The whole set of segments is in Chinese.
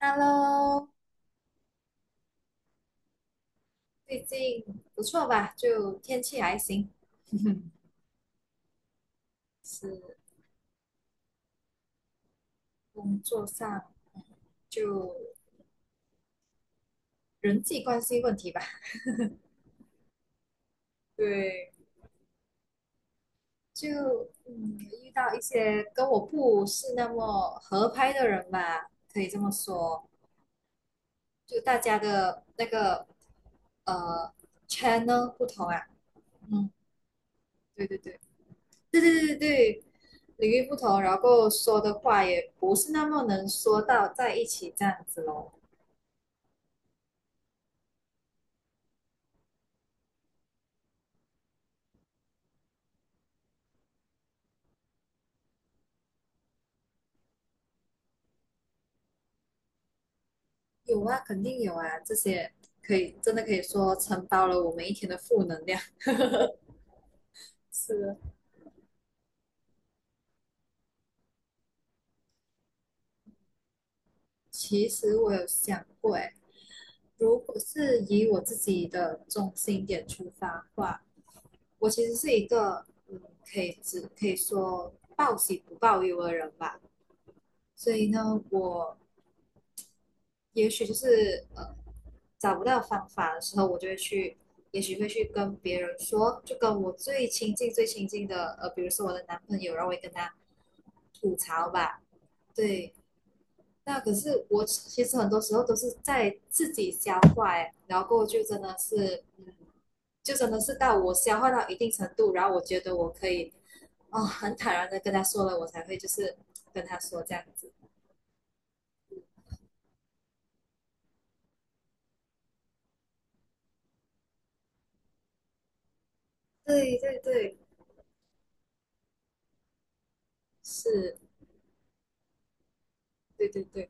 Hello，最近不错吧？就天气还行，是工作上就人际关系问题吧。对，就嗯遇到一些跟我不是那么合拍的人吧，可以这么说。就大家的那个呃 channel 不同啊，嗯，对对对对对对对，领域不同，然后说的话也不是那么能说到在一起这样子咯。有啊，肯定有啊，这些真的可以说承包了我们一天的负能量。是，其实我有想过，诶，如果是以我自己的中心点出发的话，我其实是一个，嗯，可以说报喜不报忧的人吧。所以呢，我也许就是，找不到方法的时候，我就会去，也许会去跟别人说，就跟我最亲近、最亲近的，呃，比如说我的男朋友，然后我会跟他吐槽吧，对。那可是我其实很多时候都是在自己消化，哎，然后过后就真的是，就真的是到我消化到一定程度，然后我觉得我可以，哦，很坦然的跟他说了，我才会就是跟他说这样子。对对对，是，对对对，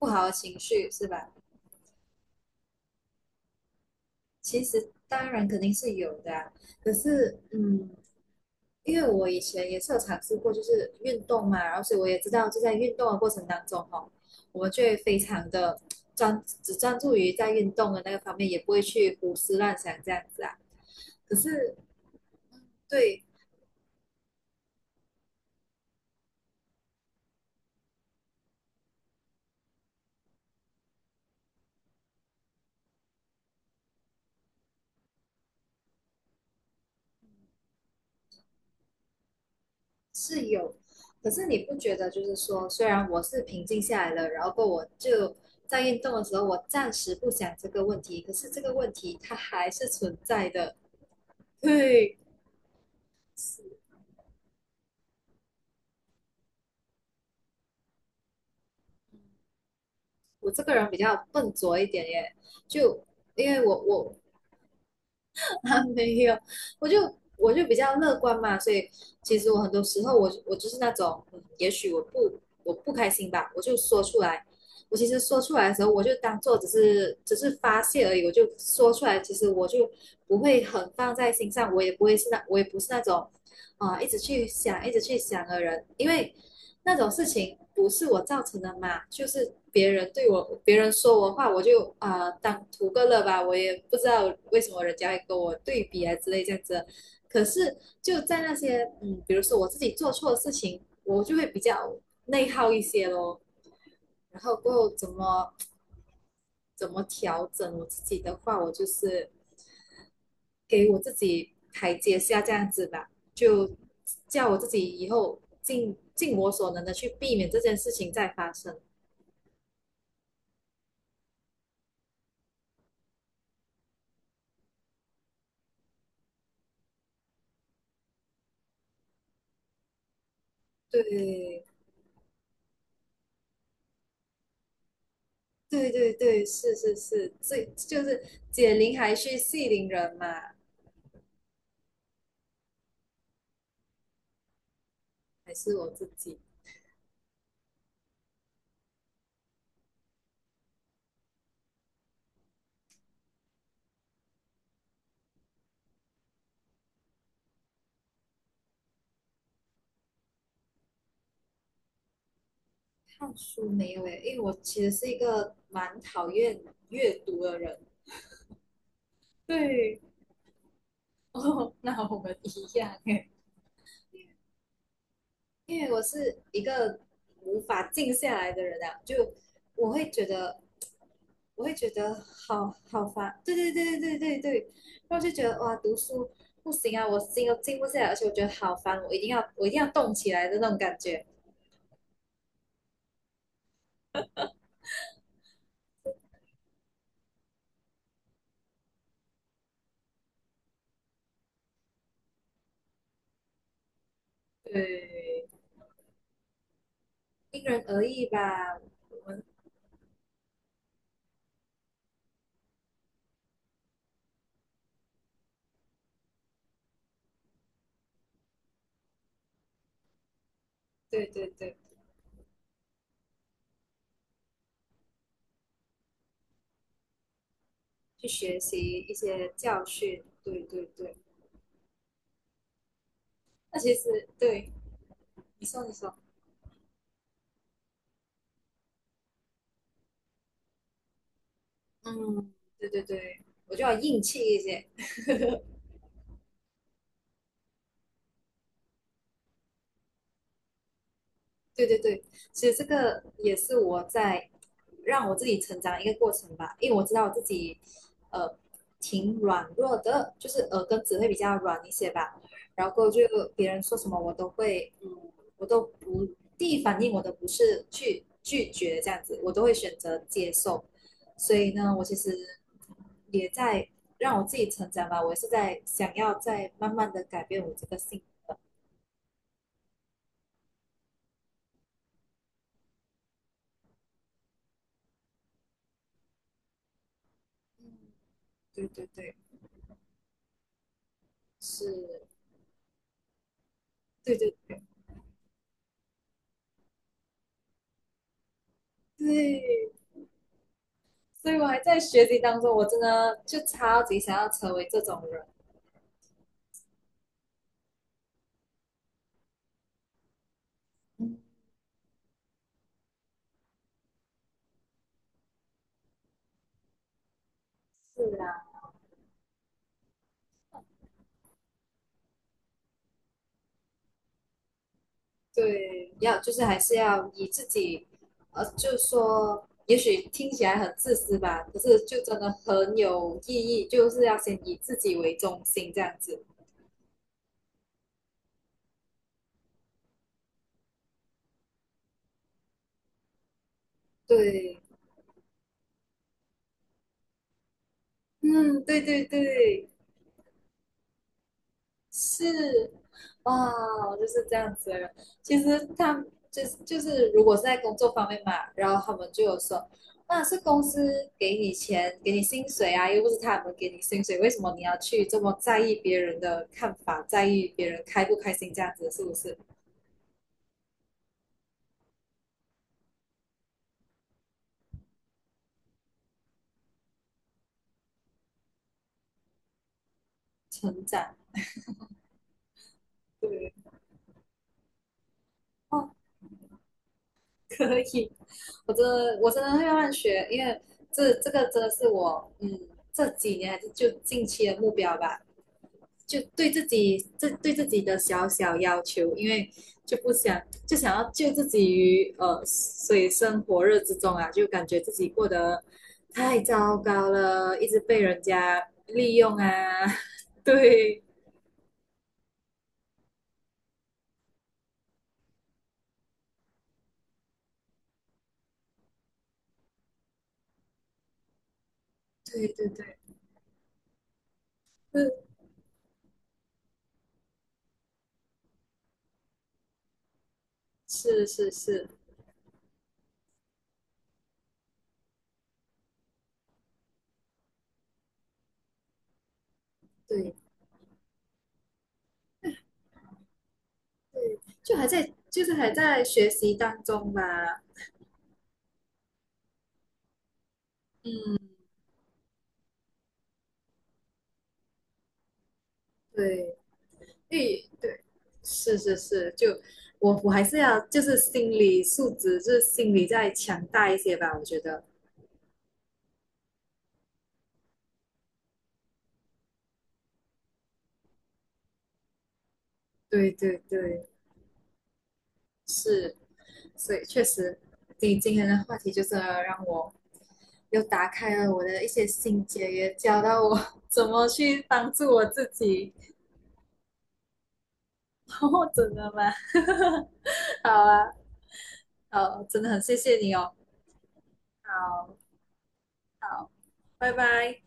不好的情绪是吧？其实当然肯定是有的啊，可是嗯，因为我以前也是有尝试过，就是运动嘛，然后所以我也知道，就在运动的过程当中哈哦，我们就会非常的专注于在运动的那个方面，也不会去胡思乱想这样子啊。可是对，是有，可是你不觉得就是说，虽然我是平静下来了，然后我就在运动的时候，我暂时不想这个问题，可是这个问题它还是存在的。对，我这个人比较笨拙一点耶，就因为我 啊，没有，我就我就比较乐观嘛，所以其实我很多时候我就是那种，嗯也许我不开心吧，我就说出来。我其实说出来的时候，我就当做只是发泄而已，我就说出来。其实我就不会很放在心上，我也不是那种啊、一直去想的人，因为那种事情不是我造成的嘛，就是别人对我，别人说我话，我就啊、呃当图个乐吧，我也不知道为什么人家会跟我对比啊之类这样子。可是就在那些嗯，比如说我自己做错的事情，我就会比较内耗一些咯。然后过后怎么调整我自己的话，我就是给我自己台阶下这样子吧，就叫我自己以后尽我所能的去避免这件事情再发生。对对对对，是是是，这就是解铃还须系铃人嘛，还是我自己。看书没有诶，因为我其实是一个蛮讨厌阅读的人。对，哦，那我们一样诶，因为我是一个无法静下来的人啊，就我会觉得我会觉得好好烦。对对对对对对对，然后就觉得哇，读书不行啊，我心都静不下来，而且我觉得好烦，我一定要动起来的那种感觉。对，因人而异吧。我们对对对，去学习一些教训。对对对，那其实对，你说你说，嗯，对对对，我就要硬气一些。对对对，其实这个也是我在让我自己成长的一个过程吧，因为我知道我自己呃挺软弱的，就是耳根子会比较软一些吧，然后就别人说什么我都会，嗯，我都不第一反应我都不是去拒绝这样子，我都会选择接受，所以呢，我其实也在让我自己成长吧，我也是在想要在慢慢的改变我这个性格，对对对，是，对对对，所以我还在学习当中，我真的就超级想要成为这种人。嗯，是啊，对，要就是还是要以自己，呃，就是说，也许听起来很自私吧，可是就真的很有意义，就是要先以自己为中心这样子。对，嗯，对对对，是，哇，我就是这样子的人。其实他们就是，如果是在工作方面嘛，然后他们就有说，那是公司给你钱，给你薪水啊，又不是他们给你薪水，为什么你要去这么在意别人的看法，在意别人开不开心这样子，是不是？成长，对，哦，可以，我真的会慢慢学，因为这个真的是我这几年还是就近期的目标吧，就对自己对自己的小小要求，因为就不想就想要救自己于呃水深火热之中啊，就感觉自己过得太糟糕了，一直被人家利用啊。对对对对，是是是是，对对，就还在就是还在学习当中吧。嗯，对，对对，是是是，就我还是要就是心理素质，就是心理再强大一些吧，我觉得。对对对，是，所以确实，你今天的话题就是让我又打开了我的一些心结，也教到我 怎么去帮助我自己。哦，真的吗？好啊，好，真的很谢谢你哦。好，好，拜拜。